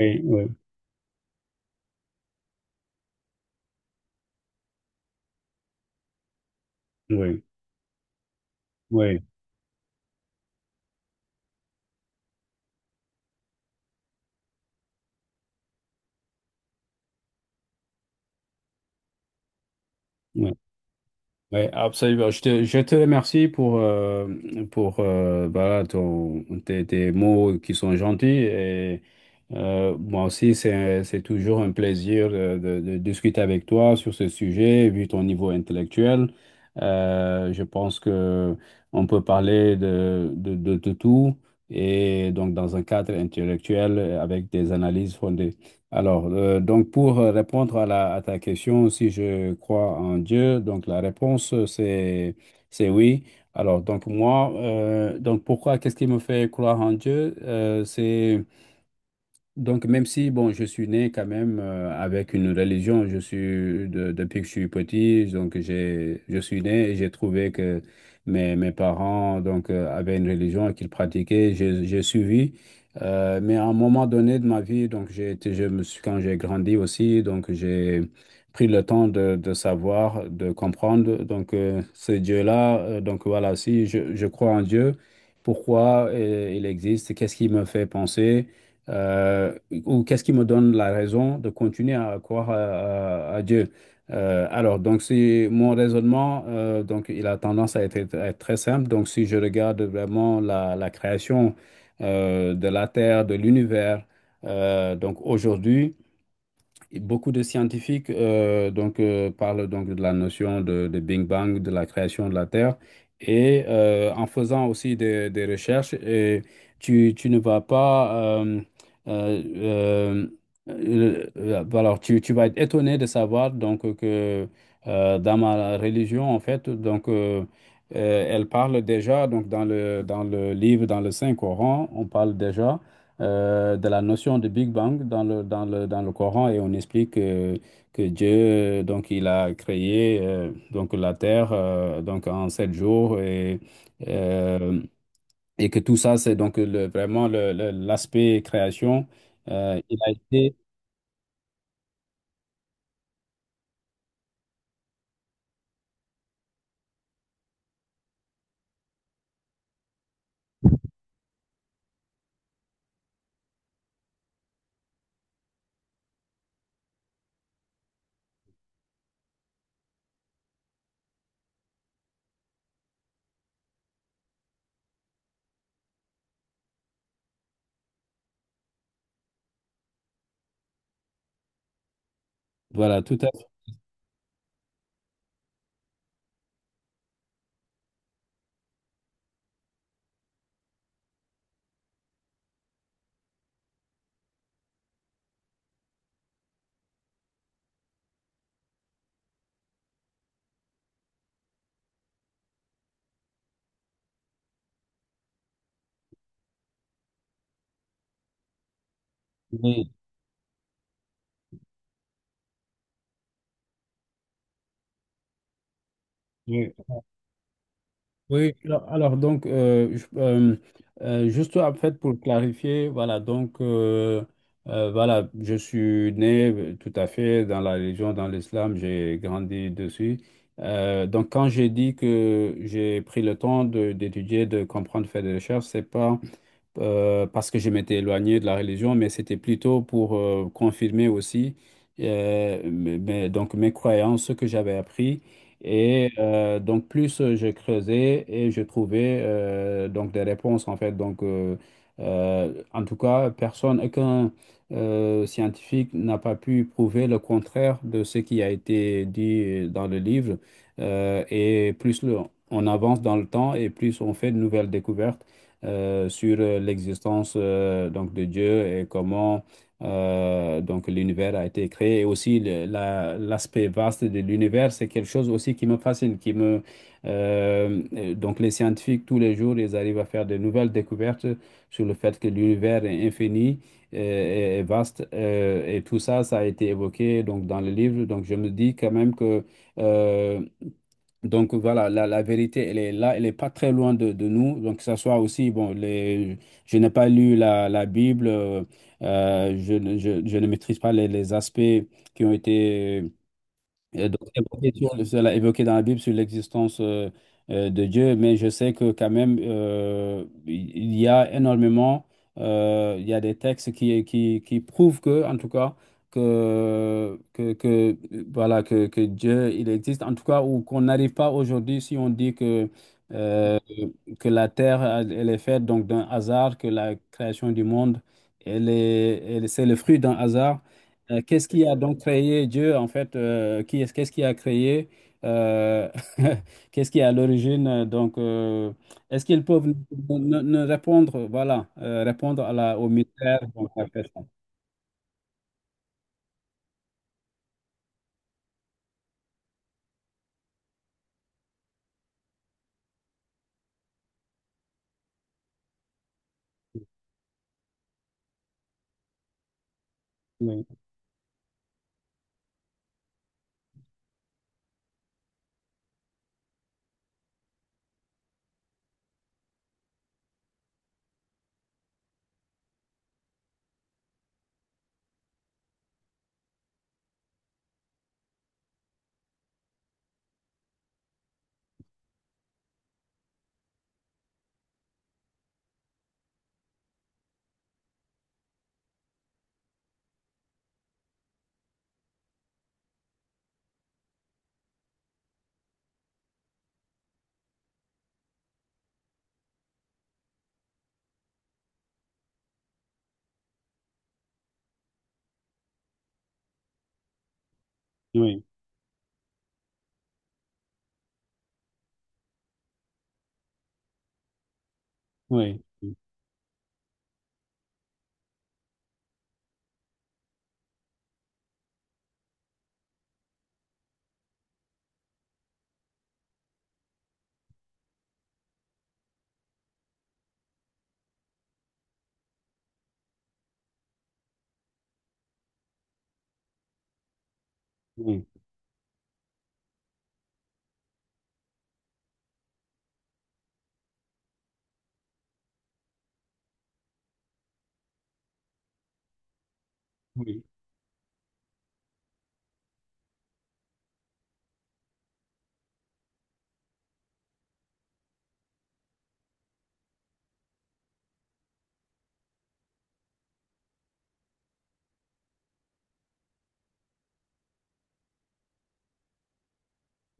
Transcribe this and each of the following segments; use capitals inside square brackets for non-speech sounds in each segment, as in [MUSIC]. Oui, oui, oui, oui, oui, oui, absolument. Je te remercie pour voilà, tes mots qui sont gentils. Et, moi aussi, c'est toujours un plaisir de, de discuter avec toi sur ce sujet, vu ton niveau intellectuel. Je pense que on peut parler de tout et donc dans un cadre intellectuel avec des analyses fondées. Alors, donc pour répondre à ta question, si je crois en Dieu, donc la réponse c'est oui. Alors donc moi, donc pourquoi, qu'est-ce qui me fait croire en Dieu? C'est donc, même si, bon, je suis né quand même avec une religion, depuis que je suis petit, donc je suis né et j'ai trouvé que mes parents, donc, avaient une religion et qu'ils pratiquaient, j'ai suivi. Mais à un moment donné de ma vie, donc, j'ai été, je me suis, quand j'ai grandi aussi, donc, j'ai pris le temps de savoir, de comprendre, donc, ce Dieu-là, donc, voilà, si je crois en Dieu, pourquoi il existe, qu'est-ce qui me fait penser? euh, ou qu'est-ce qui me donne la raison de continuer à croire à Dieu? Alors, donc, si mon raisonnement, donc, il a tendance à être très simple. Donc, si je regarde vraiment la création de la Terre, de l'univers, donc aujourd'hui, et beaucoup de scientifiques donc, parlent donc de la notion de Big Bang, de la création de la Terre. Et en faisant aussi des recherches, et tu ne vas pas... euh, euh, alors, tu vas être étonné de savoir donc, que dans ma religion, en fait, donc, elle parle déjà, donc, dans le livre, dans le Saint-Coran, on parle déjà de la notion de Big Bang dans le Coran et on explique que Dieu, donc, il a créé donc, la Terre donc, en 7 jours euh, et que tout ça, c'est donc le, vraiment le- l'aspect création. Il a été, voilà, tout à fait. Oui, alors, donc, juste en fait pour clarifier, voilà, donc, voilà, je suis né tout à fait dans la religion, dans l'islam, j'ai grandi dessus. Donc, quand j'ai dit que j'ai pris le temps d'étudier, de comprendre, faire des recherches, c'est pas parce que je m'étais éloigné de la religion, mais c'était plutôt pour confirmer aussi mes croyances, ce que j'avais appris. Et donc plus je creusais et je trouvais donc des réponses en fait. Donc en tout cas, personne, aucun scientifique n'a pas pu prouver le contraire de ce qui a été dit dans le livre. Et plus on avance dans le temps et plus on fait de nouvelles découvertes sur l'existence donc de Dieu et comment donc l'univers a été créé. Et aussi l'aspect vaste de l'univers, c'est quelque chose aussi qui me fascine, qui me donc les scientifiques tous les jours, ils arrivent à faire de nouvelles découvertes sur le fait que l'univers est infini et vaste et tout ça, ça a été évoqué donc dans le livre. Donc je me dis quand même que euh, donc voilà, la vérité, elle est là, elle n'est pas très loin de nous. Donc que ce soit aussi, bon, je n'ai pas lu la Bible, je ne maîtrise pas les aspects qui ont été donc, cela évoqué dans la Bible sur l'existence de Dieu, mais je sais que quand même, il y a énormément, il y a des textes qui prouvent que, en tout cas, que, voilà, que Dieu, il existe, en tout cas, ou qu'on n'arrive pas aujourd'hui si on dit euh, que la terre, elle est faite donc d'un hasard, que la création du monde, c'est le fruit d'un hasard. Qu'est-ce qui a donc créé Dieu, en fait, qu'est-ce qui a créé, euh, [LAUGHS] qu'est-ce qui est à l'origine, donc, est-ce qu'ils peuvent ne répondre, voilà, répondre au mystère, donc, la personne. Oui, oui, oui, oui, oui,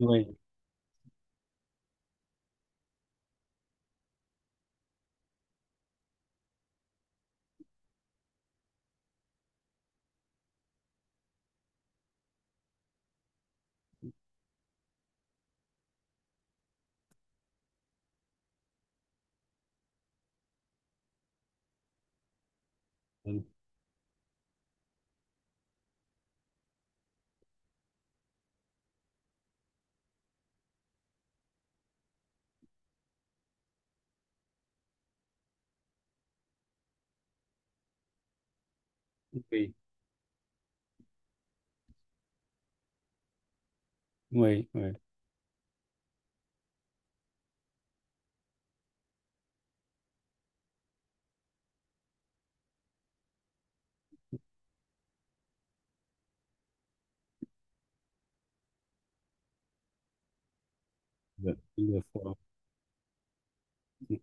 oui, oui, oui, oui, oui, oui, oui, oui, oui, oui.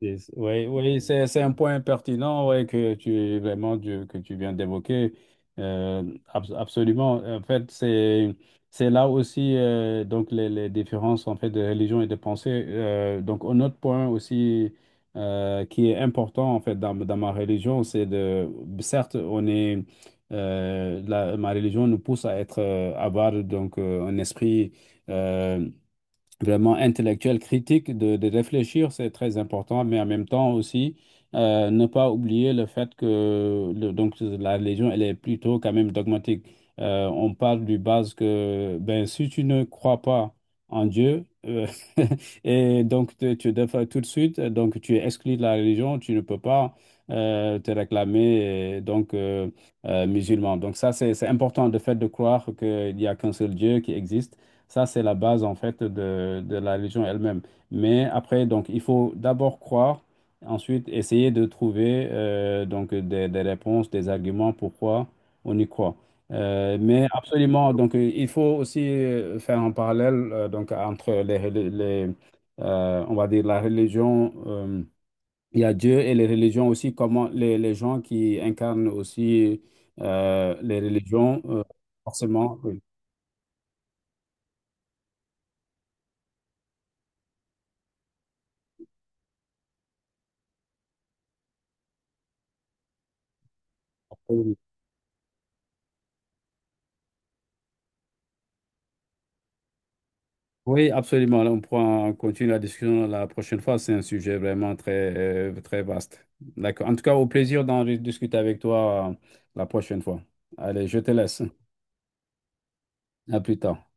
Oui, oui, c'est un point pertinent, ouais, que tu vraiment que tu viens d'évoquer. Euh, Absolument. En fait, c'est là aussi donc les différences en fait de religion et de pensée. Donc un autre point aussi qui est important en fait dans ma religion, c'est de certes on est ma religion nous pousse à être avoir donc un esprit euh, vraiment intellectuel, critique, de réfléchir, c'est très important, mais en même temps aussi, ne pas oublier le fait que donc, la religion, elle est plutôt quand même dogmatique. On parle du base que ben, si tu ne crois pas en Dieu, [LAUGHS] et donc tu devrais tout de suite, donc tu es exclu de la religion, tu ne peux pas te réclamer donc musulman. Donc ça, c'est important, de fait de croire qu'il n'y a qu'un seul Dieu qui existe. Ça, c'est la base en fait de la religion elle-même. Mais après, donc, il faut d'abord croire, ensuite essayer de trouver donc des réponses, des arguments pourquoi on y croit. Mais absolument, donc, il faut aussi faire un parallèle donc, entre les, les, on va dire la religion, il y a Dieu et les religions aussi, comment les gens qui incarnent aussi les religions, forcément. Oui. Oui, absolument. On pourra continuer la discussion la prochaine fois. C'est un sujet vraiment très vaste. D'accord. En tout cas, au plaisir d'en discuter avec toi la prochaine fois. Allez, je te laisse. À plus tard.